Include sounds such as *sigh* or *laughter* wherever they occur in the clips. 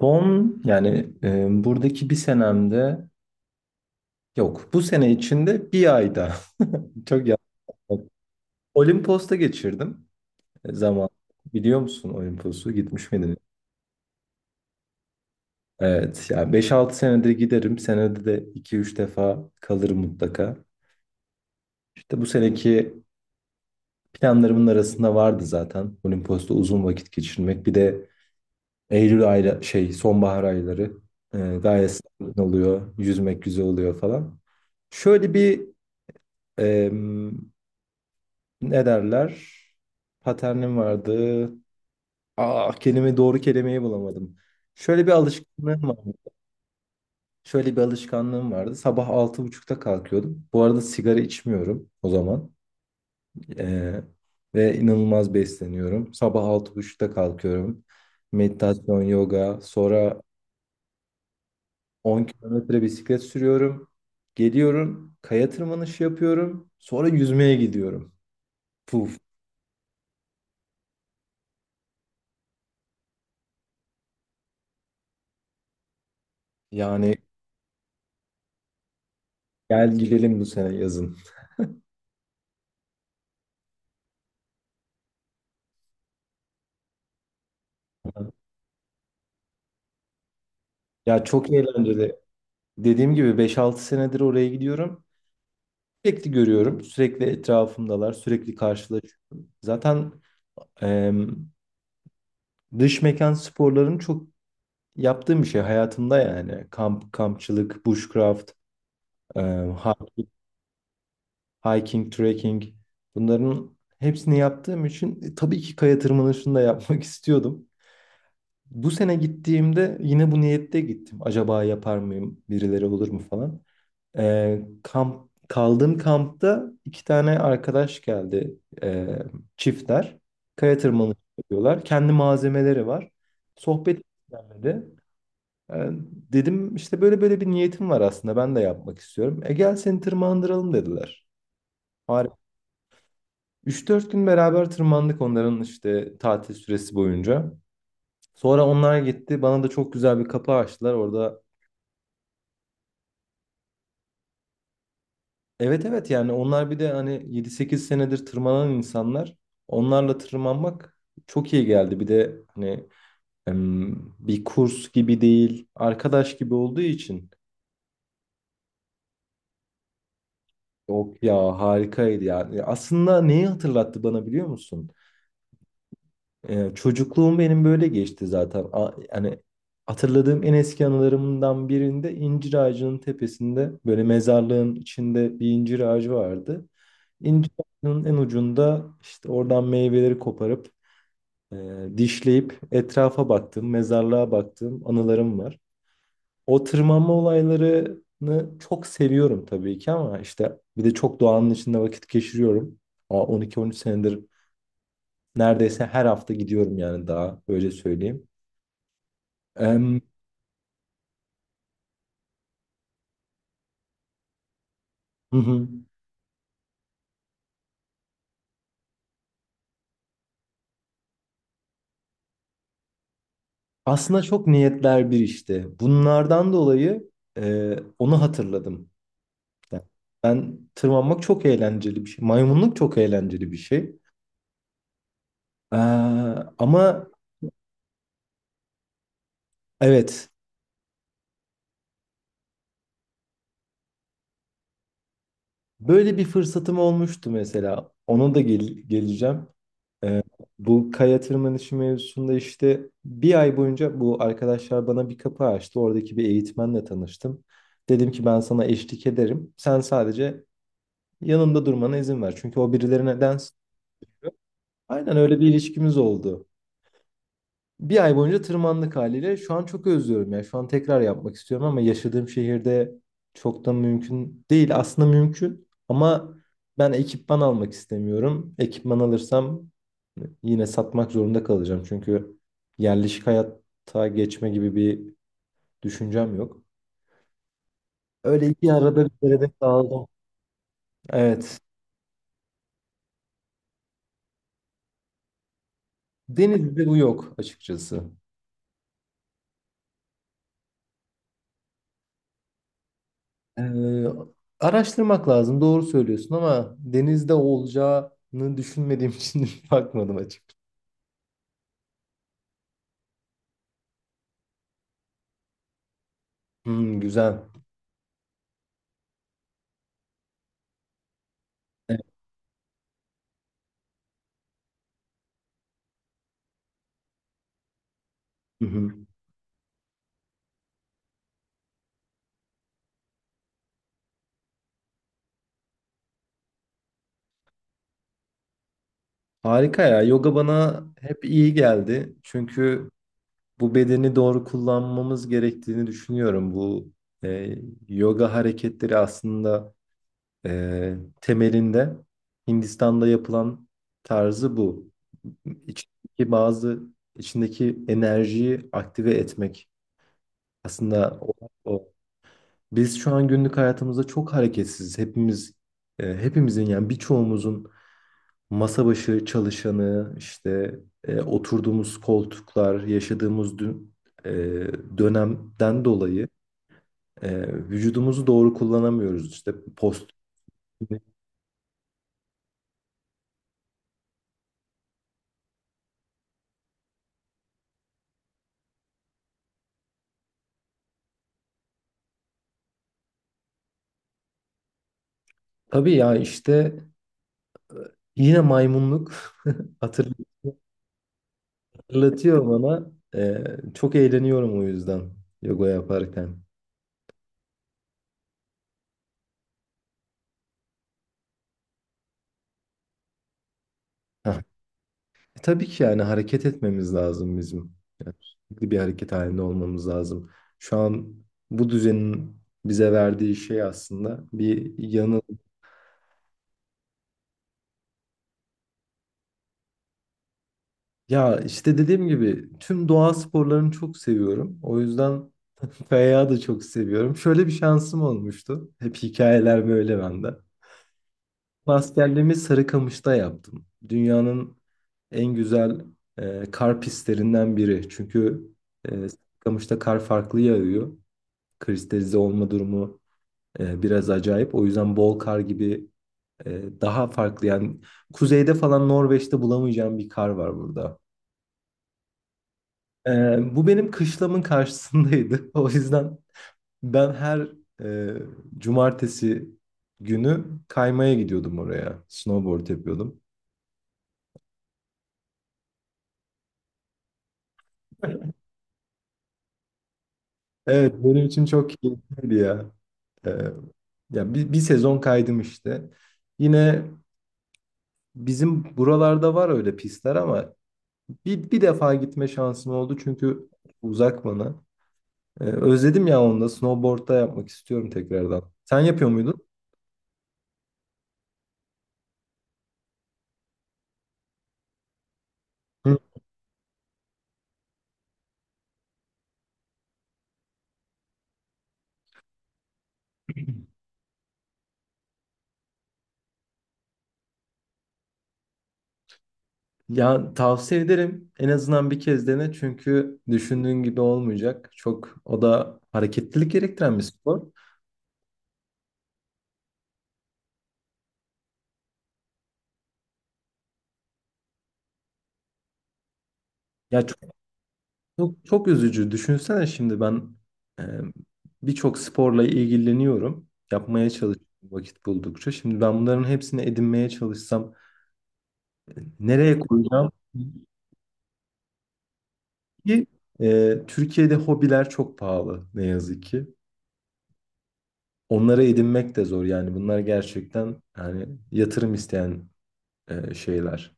Son yani buradaki bir senemde yok. Bu sene içinde bir ayda *laughs* çok yapmadım. Olimpos'ta geçirdim zaman. Biliyor musun Olimpos'u? Gitmiş miydin? Evet. Yani 5-6 senedir giderim. Senede de 2-3 defa kalırım mutlaka. İşte bu seneki planlarımın arasında vardı zaten. Olimpos'ta uzun vakit geçirmek. Bir de Eylül ayla sonbahar ayları e, gayet sakin oluyor. Yüzmek güzel oluyor falan. Şöyle bir, ne derler? Paternim vardı. Doğru kelimeyi bulamadım. Şöyle bir alışkanlığım vardı. Şöyle bir alışkanlığım vardı. Sabah 6.30'da kalkıyordum. Bu arada sigara içmiyorum o zaman. Ee, ve inanılmaz besleniyorum. Sabah altı buçukta kalkıyorum. Meditasyon, yoga. Sonra 10 kilometre bisiklet sürüyorum. Geliyorum. Kaya tırmanışı yapıyorum. Sonra yüzmeye gidiyorum. Puf. Yani gel gidelim bu sene yazın. Ya çok eğlenceli. Dediğim gibi 5-6 senedir oraya gidiyorum. Sürekli görüyorum. Sürekli etrafımdalar. Sürekli karşılaşıyorum. Zaten em, dış mekan sporlarını çok yaptığım bir şey hayatımda yani. Kamp, kampçılık, bushcraft, em, hiking, hiking, trekking. Bunların hepsini yaptığım için tabii ki kaya tırmanışını da yapmak *laughs* istiyordum. Bu sene gittiğimde yine bu niyette gittim. Acaba yapar mıyım? Birileri olur mu falan. Kamp kaldığım kampta iki tane arkadaş geldi çiftler. Kaya tırmanışı yapıyorlar. Kendi malzemeleri var. Sohbet istenmedi. Ee, dedim işte böyle böyle bir niyetim var aslında ben de yapmak istiyorum. Gel seni tırmandıralım dediler. Harika. 3-4 gün beraber tırmandık onların işte tatil süresi boyunca. Sonra onlar gitti. Bana da çok güzel bir kapı açtılar. Orada. Evet, evet, yani onlar bir de hani 7-8 senedir tırmanan insanlar. Onlarla tırmanmak çok iyi geldi. Bir de hani bir kurs gibi değil, arkadaş gibi olduğu için. Yok ya harikaydı yani. Aslında neyi hatırlattı bana biliyor musun? Çocukluğum benim böyle geçti zaten. Yani hatırladığım en eski anılarımdan birinde incir ağacının tepesinde böyle mezarlığın içinde bir incir ağacı vardı. İncir ağacının en ucunda işte oradan meyveleri koparıp e, dişleyip etrafa baktığım, mezarlığa baktığım anılarım var. O tırmanma olaylarını çok seviyorum tabii ki ama işte bir de çok doğanın içinde vakit geçiriyorum. 12-13 senedir neredeyse her hafta gidiyorum yani daha öyle söyleyeyim. Em, hı hı. Aslında çok niyetler bir işte. Bunlardan dolayı onu hatırladım. Yani ben tırmanmak çok eğlenceli bir şey. Maymunluk çok eğlenceli bir şey. Ee, ama evet böyle bir fırsatım olmuştu mesela. Ona da geleceğim. Ee, bu kaya tırmanışı mevzusunda işte bir ay boyunca bu arkadaşlar bana bir kapı açtı. Oradaki bir eğitmenle tanıştım. Dedim ki ben sana eşlik ederim. Sen sadece yanımda durmana izin ver. Çünkü o birilerine dens. Aynen öyle bir ilişkimiz oldu. Bir ay boyunca tırmandık haliyle. Şu an çok özlüyorum ya. Şu an tekrar yapmak istiyorum ama yaşadığım şehirde çok da mümkün değil. Aslında mümkün ama ben ekipman almak istemiyorum. Ekipman alırsam yine satmak zorunda kalacağım. Çünkü yerleşik hayata geçme gibi bir düşüncem yok. Öyle iki arada bir derede kaldım. Evet. Denizde bu yok açıkçası. Ee, araştırmak lazım. Doğru söylüyorsun ama denizde olacağını düşünmediğim için *laughs* bakmadım açık. Hmm, güzel. Evet. Hı hı. Harika ya. Yoga bana hep iyi geldi. Çünkü bu bedeni doğru kullanmamız gerektiğini düşünüyorum. Bu e, yoga hareketleri aslında temelinde Hindistan'da yapılan tarzı bu. İçindeki bazı içindeki enerjiyi aktive etmek aslında o, o Biz şu an günlük hayatımızda çok hareketsiz. Hepimizin yani birçoğumuzun masa başı çalışanı, işte oturduğumuz koltuklar, yaşadığımız e, dönemden dolayı vücudumuzu doğru kullanamıyoruz. İşte post. Tabii ya işte yine maymunluk *laughs* hatırlatıyor bana. E, çok eğleniyorum o yüzden yoga yaparken. *laughs* Tabii ki yani hareket etmemiz lazım bizim. Yani sürekli bir hareket halinde olmamız lazım. Şu an bu düzenin bize verdiği şey aslında bir yanı. Ya işte dediğim gibi tüm doğa sporlarını çok seviyorum. O yüzden *laughs* kayağı da çok seviyorum. Şöyle bir şansım olmuştu. Hep hikayeler böyle bende. Askerliğimi Sarıkamış'ta yaptım. Dünyanın en güzel kar pistlerinden biri. Çünkü Sarıkamış'ta kar farklı yağıyor. Kristalize olma durumu biraz acayip. O yüzden bol kar gibi daha farklı yani kuzeyde falan Norveç'te bulamayacağım bir kar var burada. Bu benim kışlamın karşısındaydı. *laughs* O yüzden ben her e, cumartesi günü kaymaya gidiyordum oraya. Snowboard yapıyordum. Evet benim için çok keyifliydi ya. E, ya bir sezon kaydım işte. Yine bizim buralarda var öyle pistler ama bir defa gitme şansım oldu çünkü uzak bana. Özledim ya onu da snowboard'da yapmak istiyorum tekrardan. Sen yapıyor muydun? Hı. Ya tavsiye ederim. En azından bir kez dene çünkü düşündüğün gibi olmayacak. Çok o da hareketlilik gerektiren bir spor. Ya çok çok üzücü. Düşünsene şimdi ben e, birçok sporla ilgileniyorum. Yapmaya çalışıyorum vakit buldukça. Şimdi ben bunların hepsini edinmeye çalışsam nereye koyacağım? Ki Türkiye'de hobiler çok pahalı ne yazık ki. Onlara edinmek de zor yani bunlar gerçekten yani yatırım isteyen şeyler.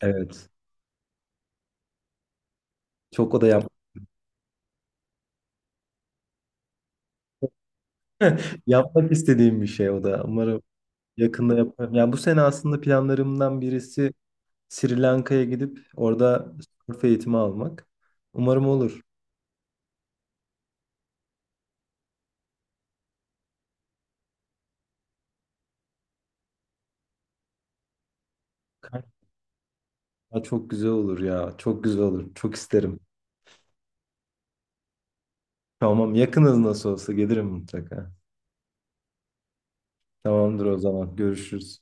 Evet. Çok o da yapmak istediğim bir şey o da. Umarım yakında yaparım. Yani bu sene aslında planlarımdan birisi Sri Lanka'ya gidip orada surf eğitimi almak. Umarım olur. Ya çok güzel olur ya. Çok güzel olur. Çok isterim. Tamam, yakınız nasıl olsa gelirim mutlaka. Tamamdır o zaman. Görüşürüz.